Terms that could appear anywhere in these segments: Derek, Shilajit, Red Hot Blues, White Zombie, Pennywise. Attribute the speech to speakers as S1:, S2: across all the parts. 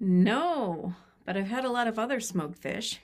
S1: No, but I've had a lot of other smoked fish.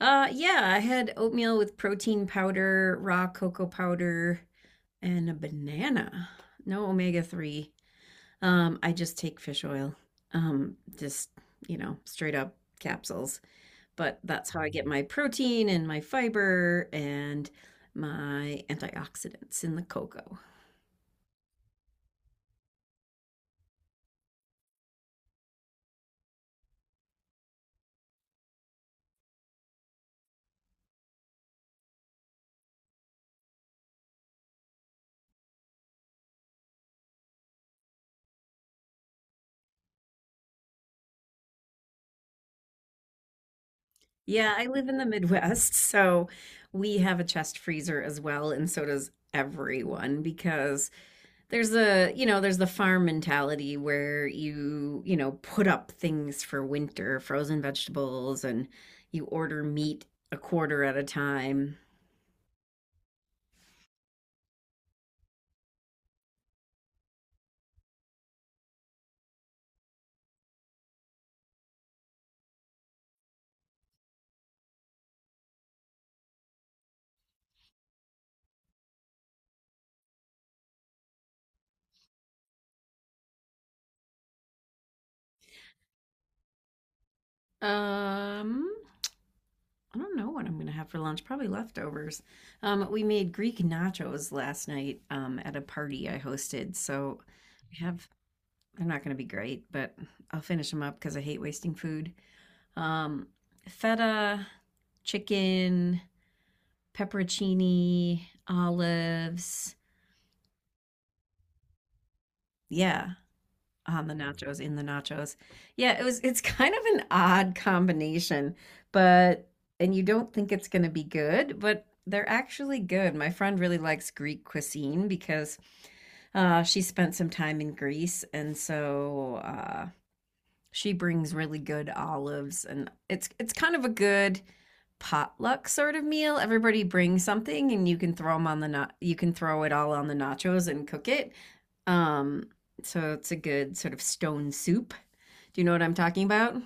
S1: Yeah, I had oatmeal with protein powder, raw cocoa powder, and a banana. No omega 3. I just take fish oil. Um, just, Straight up capsules. But that's how I get my protein and my fiber and my antioxidants in the cocoa. Yeah, I live in the Midwest, so we have a chest freezer as well, and so does everyone because there's the farm mentality where you put up things for winter, frozen vegetables, and you order meat a quarter at a time. Um, I don't know what I'm gonna have for lunch. Probably leftovers. We made Greek nachos last night, at a party I hosted, so. We have They're not going to be great, but I'll finish them up because I hate wasting food. Um, Feta, chicken, pepperoncini, olives. Yeah, on the nachos, in the nachos. Yeah, it was. It's kind of an odd combination, but and you don't think it's going to be good, but they're actually good. My friend really likes Greek cuisine because she spent some time in Greece, and so she brings really good olives, and it's kind of a good potluck sort of meal. Everybody brings something and you can throw them on the you can throw it all on the nachos and cook it. Um so it's a good sort of stone soup. Do you know what I'm talking about?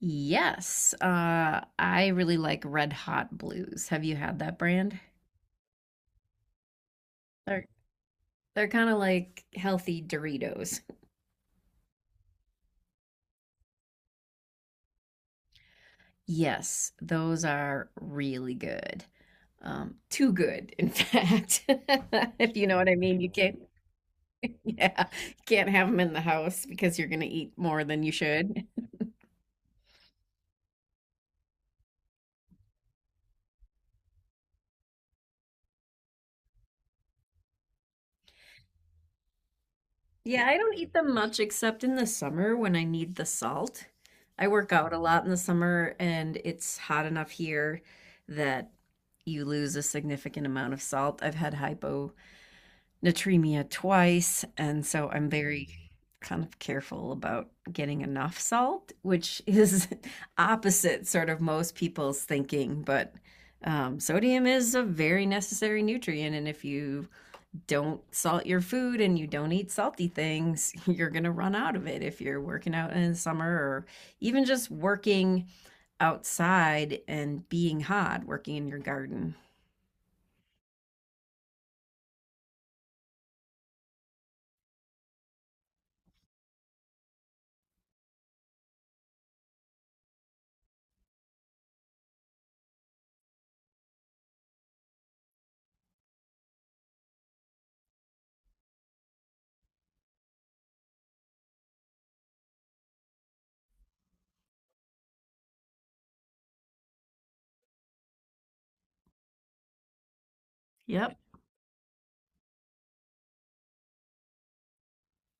S1: Yes. I really like Red Hot Blues. Have you had that brand? They're they're kind of like healthy Doritos. Yes, those are really good. Too good, in fact, if you know what I mean. You can't, yeah, you can't have them in the house because you're going to eat more than you should. Yeah, I don't eat them much except in the summer when I need the salt. I work out a lot in the summer and it's hot enough here that you lose a significant amount of salt. I've had hyponatremia twice, and so I'm very kind of careful about getting enough salt, which is, opposite sort of most people's thinking. But sodium is a very necessary nutrient, and if you don't salt your food and you don't eat salty things, you're going to run out of it if you're working out in the summer or even just working outside and being hot, working in your garden. Yep.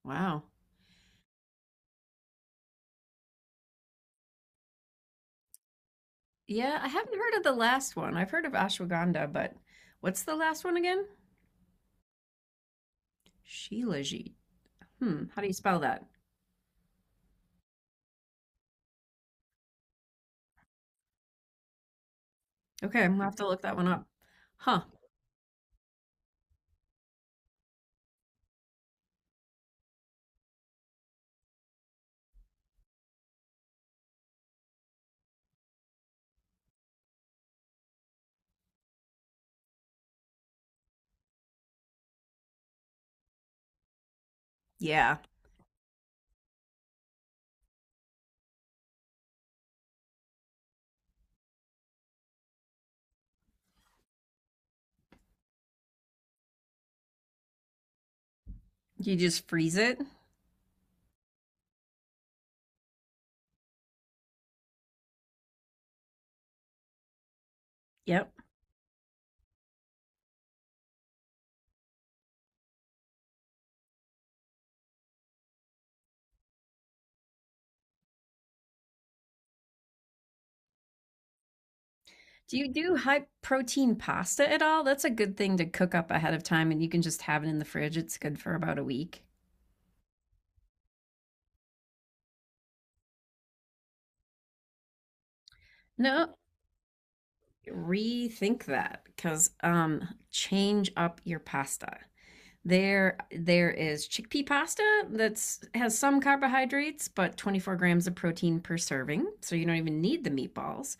S1: Wow. Yeah, I haven't heard of the last one. I've heard of ashwagandha, but what's the last one again? Shilajit. Hmm, how do you spell that? Okay, I'm gonna have to look that one up. Huh. Yeah. You just freeze it? Yep. Do you do high protein pasta at all? That's a good thing to cook up ahead of time and you can just have it in the fridge. It's good for about a week. No, rethink that because change up your pasta. There is chickpea pasta that's has some carbohydrates, but 24 grams of protein per serving, so you don't even need the meatballs.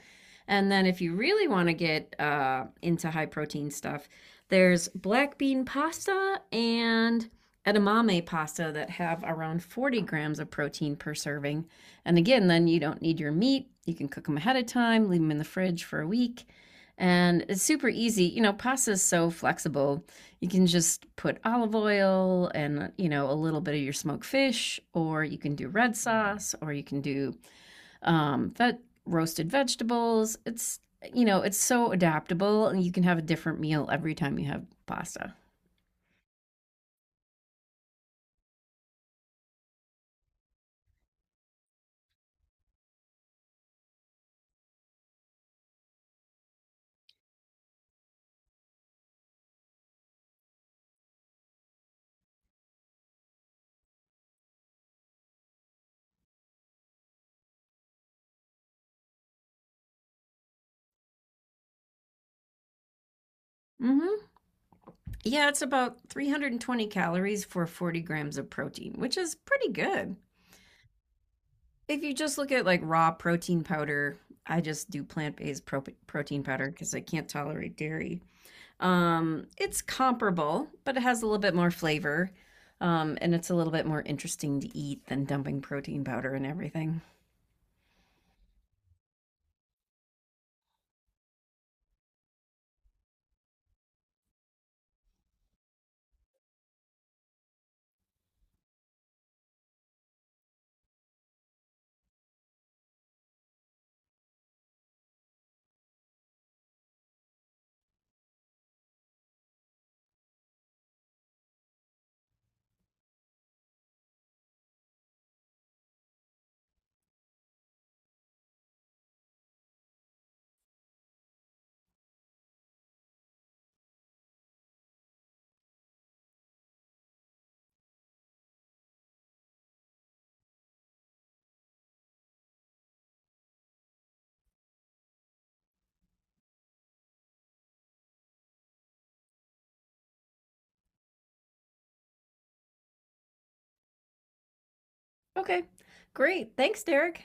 S1: And then, if you really want to get into high protein stuff, there's black bean pasta and edamame pasta that have around 40 grams of protein per serving. And again, then you don't need your meat. You can cook them ahead of time, leave them in the fridge for a week. And it's super easy. You know, pasta is so flexible, you can just put olive oil and, you know, a little bit of your smoked fish, or you can do red sauce, or you can do roasted vegetables. It's, you know, it's so adaptable and you can have a different meal every time you have pasta. Hmm. Yeah, it's about 320 calories for 40 grams of protein, which is pretty good. If you just look at like raw protein powder, I just do plant based protein powder because I can't tolerate dairy. It's comparable, but it has a little bit more flavor. And it's a little bit more interesting to eat than dumping protein powder and everything. Okay, great. Thanks, Derek.